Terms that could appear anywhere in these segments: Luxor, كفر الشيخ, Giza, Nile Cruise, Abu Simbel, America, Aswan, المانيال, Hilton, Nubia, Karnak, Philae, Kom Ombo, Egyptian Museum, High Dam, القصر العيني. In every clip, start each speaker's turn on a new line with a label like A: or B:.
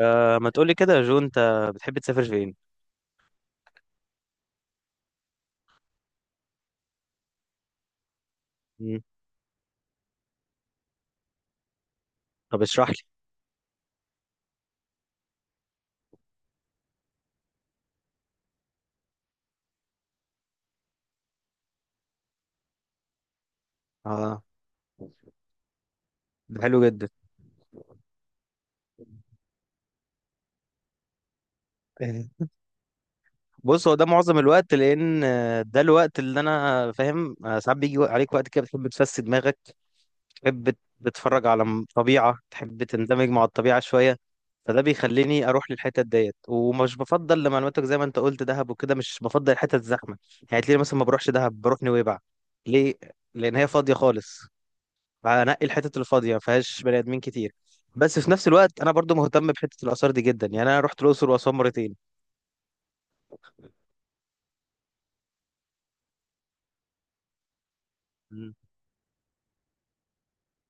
A: آه، ما تقولي كده يا جو. انت بتحب تسافر فين؟ مم. طب اشرح لي. اه، ده حلو جدا. بص، هو ده معظم الوقت لان ده الوقت اللي انا فاهم. ساعات بيجي عليك وقت كده بتحب تفسد دماغك. تحب بتتفرج على طبيعة، تحب تندمج مع الطبيعة شوية. فده بيخليني اروح للحتت ديت، ومش بفضل لمعلوماتك زي ما انت قلت دهب وكده، مش بفضل الحتت الزحمة. يعني تلاقيني مثلا ما بروحش دهب، بروح نويبع. ليه؟ لان هي فاضية خالص، فهنقي الحتت الفاضيه ما فيهاش بني ادمين كتير. بس في نفس الوقت انا برضو مهتم بحته الاثار دي جدا، يعني انا رحت الاقصر واسوان مرتين. مم.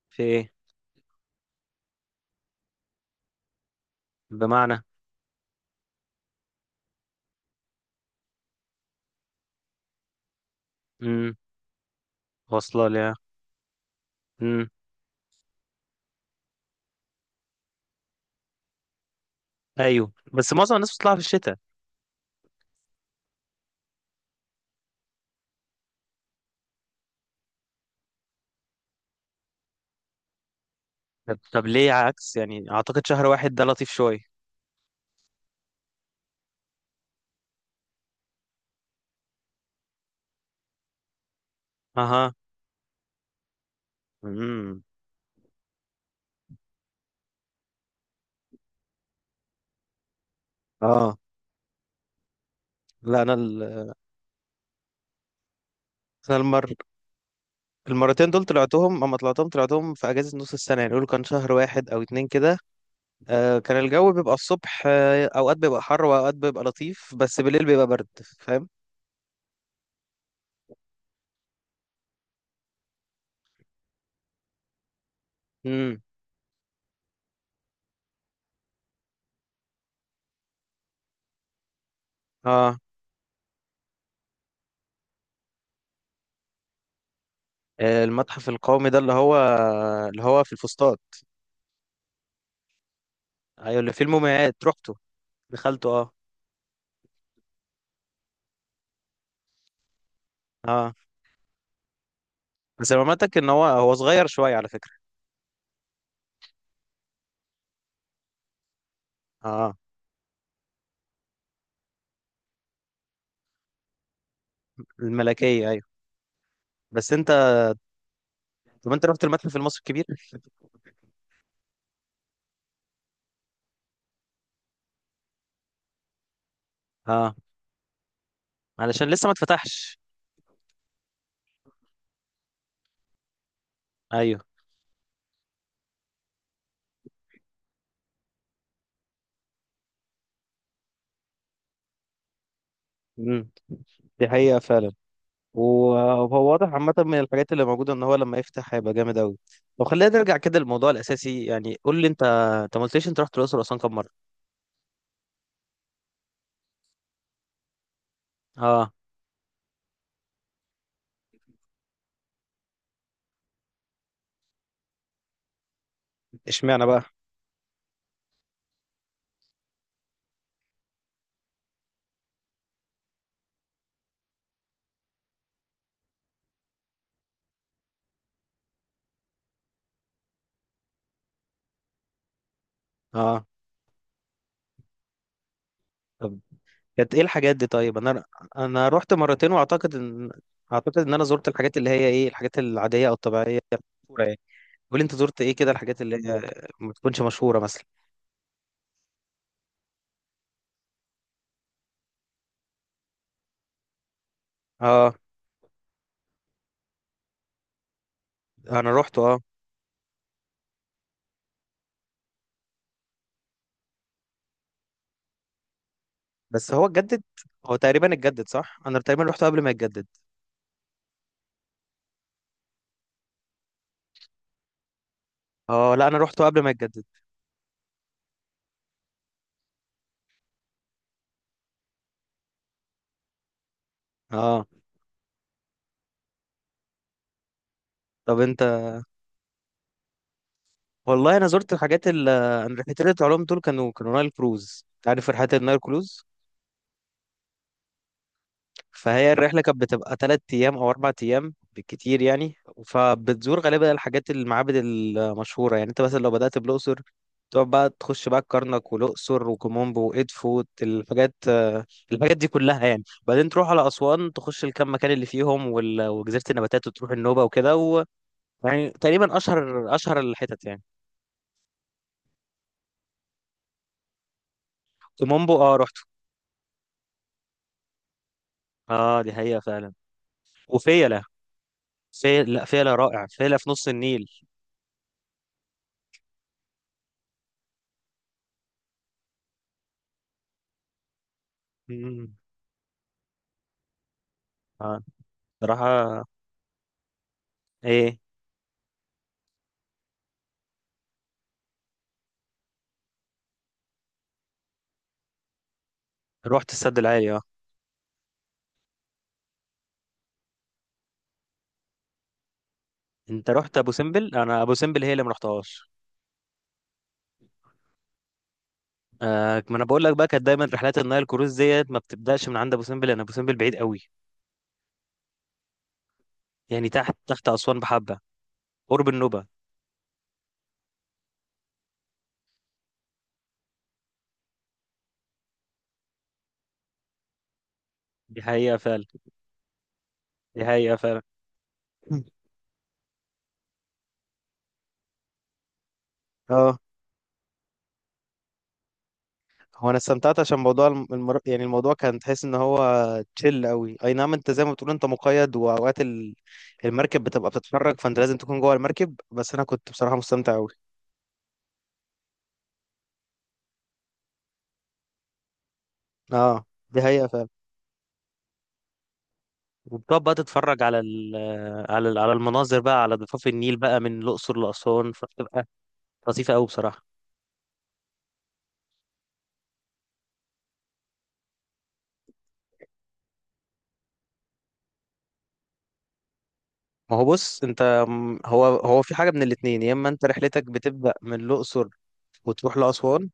A: في ايه؟ بمعنى؟ امم. واصله ليها. امم. ايوه، بس معظم الناس بتطلع في الشتاء. طب ليه عكس؟ يعني اعتقد شهر واحد ده لطيف شويه. اها. امم. اه. لا انا المر... المرتين دول طلعتهم، اما طلعتهم طلعتهم في اجازه نص السنه، يعني يقولوا كان شهر واحد او اتنين كده. كان الجو بيبقى الصبح اوقات بيبقى حر واوقات بيبقى لطيف، بس بالليل بيبقى برد. فاهم. امم. اه. آه، المتحف القومي ده اللي هو اللي هو في الفسطاط. ايوه اللي فيه المومياوات رحته. دخلته اه. اه بس معلوماتك ان هو صغير شويه على فكره. اه. الملكيه ايوه. بس انت، طب انت رحت المتحف المصري الكبير؟ اه. علشان لسه ما اتفتحش؟ ايوه. امم. دي حقيقه فعلا. وهو واضح عامة من الحاجات اللي موجودة ان هو لما يفتح هيبقى جامد أوي. طب خلينا نرجع كده للموضوع الأساسي. يعني قول لي انت، انت ما قلتليش انت رحت الأقصر وأسوان كام مرة؟ اه. اشمعنى بقى؟ اه. طب كانت ايه الحاجات دي طيب؟ انا رحت مرتين، واعتقد ان انا زرت الحاجات اللي هي ايه، الحاجات العادية او الطبيعية المشهورة يعني. قول لي انت زرت ايه كده، الحاجات اللي هي ما تكونش مشهورة مثلا. اه. انا رحت اه. بس هو اتجدد، هو تقريبا اتجدد صح؟ انا تقريبا رحته قبل ما يتجدد. اه، لا انا رحته قبل ما يتجدد. اه. طب انت، والله انا زرت الحاجات ال انا رحلتين العلوم دول، كانوا نايل كروز. انت عارف رحلات النايل كروز؟ فهي الرحله كانت بتبقى ثلاث ايام او اربع ايام بالكتير يعني. فبتزور غالبا الحاجات المعابد المشهوره، يعني انت مثلا لو بدات بالاقصر، تقعد بقى تخش بقى الكرنك والاقصر وكومومبو وادفو، الحاجات دي كلها. يعني بعدين تروح على اسوان تخش الكام مكان اللي فيهم، وجزيره النباتات، وتروح النوبه وكده و... يعني تقريبا اشهر الحتت يعني. كومومبو اه رحت. اه، دي حقيقة فعلا. وفيلة. لا، فيلة رائع، فيلة في نص النيل. مم. اه. صراحة. ايه؟ رحت السد العالي اه. انت رحت ابو سمبل؟ انا ابو سمبل هي اللي ما رحتهاش. آه، ما انا بقول لك بقى، كانت دايما رحلات النايل كروز ديت ما بتبداش من عند ابو سمبل، لان ابو سمبل بعيد قوي. يعني تحت اسوان بحبة، قرب النوبة. دي حقيقة فعلا. دي حقيقة فعلا. اه. هو انا استمتعت عشان موضوع يعني الموضوع كان تحس ان هو تشيل قوي. اي نعم، انت زي ما بتقول انت مقيد، واوقات المركب بتبقى بتتفرج، فانت لازم تكون جوه المركب. بس انا كنت بصراحة مستمتع قوي. اه. دي حقيقة فعلا. وبتقعد بقى تتفرج على المناظر بقى على ضفاف النيل بقى من الأقصر لأسوان، فبتبقى لطيفة قوي بصراحة. ما هو بص انت هو في حاجة من الاتنين: يا اما انت رحلتك بتبدأ من الأقصر وتروح لأسوان،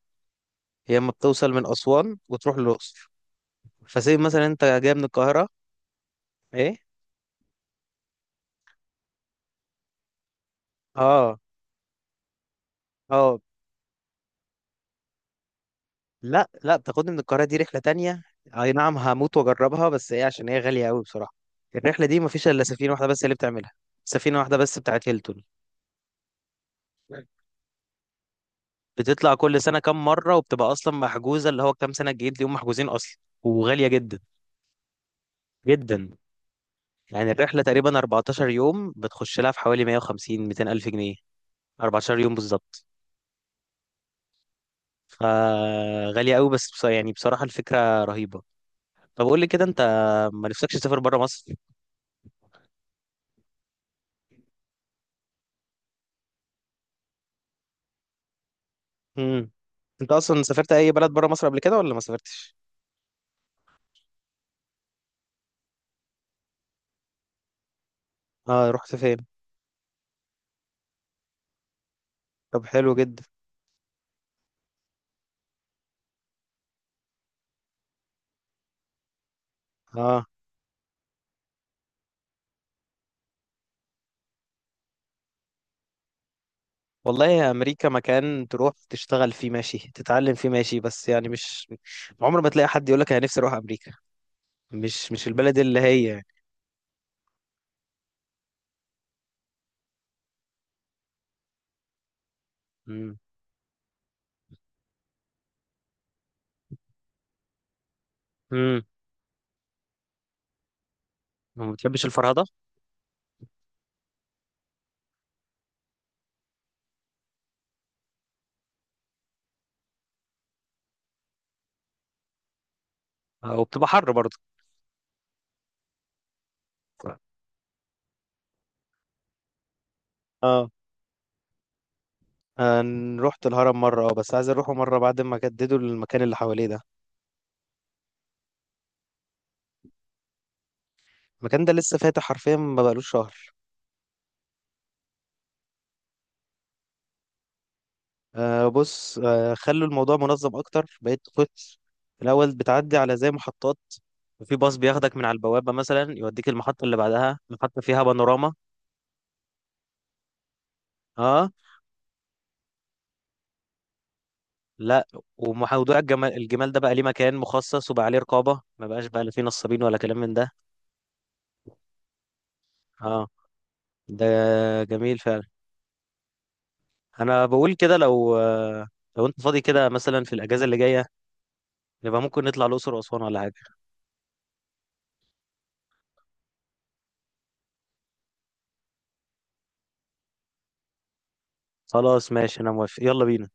A: يا اما بتوصل من أسوان وتروح للأقصر. فسيب مثلا انت جاي من القاهرة. ايه؟ اه اه، لا لا، بتاخدني من القاهرة دي رحلة تانية. اي نعم هموت واجربها، بس ايه عشان هي غالية قوي بصراحة. الرحلة دي مفيش الا سفينة واحدة بس هي اللي بتعملها، سفينة واحدة بس بتاعت هيلتون. بتطلع كل سنة كام مرة، وبتبقى اصلا محجوزة، اللي هو كام سنة الجديد دي هم محجوزين اصلا. وغالية جدا، جدا. يعني الرحلة تقريبا 14 يوم بتخش لها في حوالي 150 200 ألف جنيه. 14 يوم بالظبط. فغالية قوي بس يعني بصراحة الفكرة رهيبة. طب قول لي كده انت، ما نفسكش تسافر بره مصر؟ امم. انت اصلا سافرت اي بلد بره مصر قبل كده ولا ما سافرتش؟ اه. رحت فين؟ طب حلو جدا. اه. والله يا، امريكا مكان تروح تشتغل فيه ماشي، تتعلم فيه ماشي، بس يعني مش عمر ما تلاقي حد يقول لك انا نفسي اروح امريكا. مش البلد اللي هي يعني. امم. امم. ما بتحبش الفرهده. وبتبقى حر برضه. اه. أنا رحت الهرم مرة اه، بس عايز اروحه مرة بعد ما جددوا المكان اللي حواليه ده. المكان ده لسه فاتح حرفيا، ما بقالوش شهر. آه، بص، آه خلوا الموضوع منظم اكتر، بقيت كنت الاول بتعدي على زي محطات، وفي باص بياخدك من على البوابه مثلا يوديك المحطه اللي بعدها، محطه فيها پانوراما. اه. لا. وموضوع الجمال، الجمال ده بقى ليه مكان مخصص، وبقى عليه رقابه، ما بقاش بقى لا فيه نصابين ولا كلام من ده. اه. ده جميل فعلا. انا بقول كده لو آه لو انت فاضي كده مثلا في الاجازه اللي جايه، نبقى ممكن نطلع الاقصر واسوان ولا حاجه. خلاص ماشي انا موافق، يلا بينا.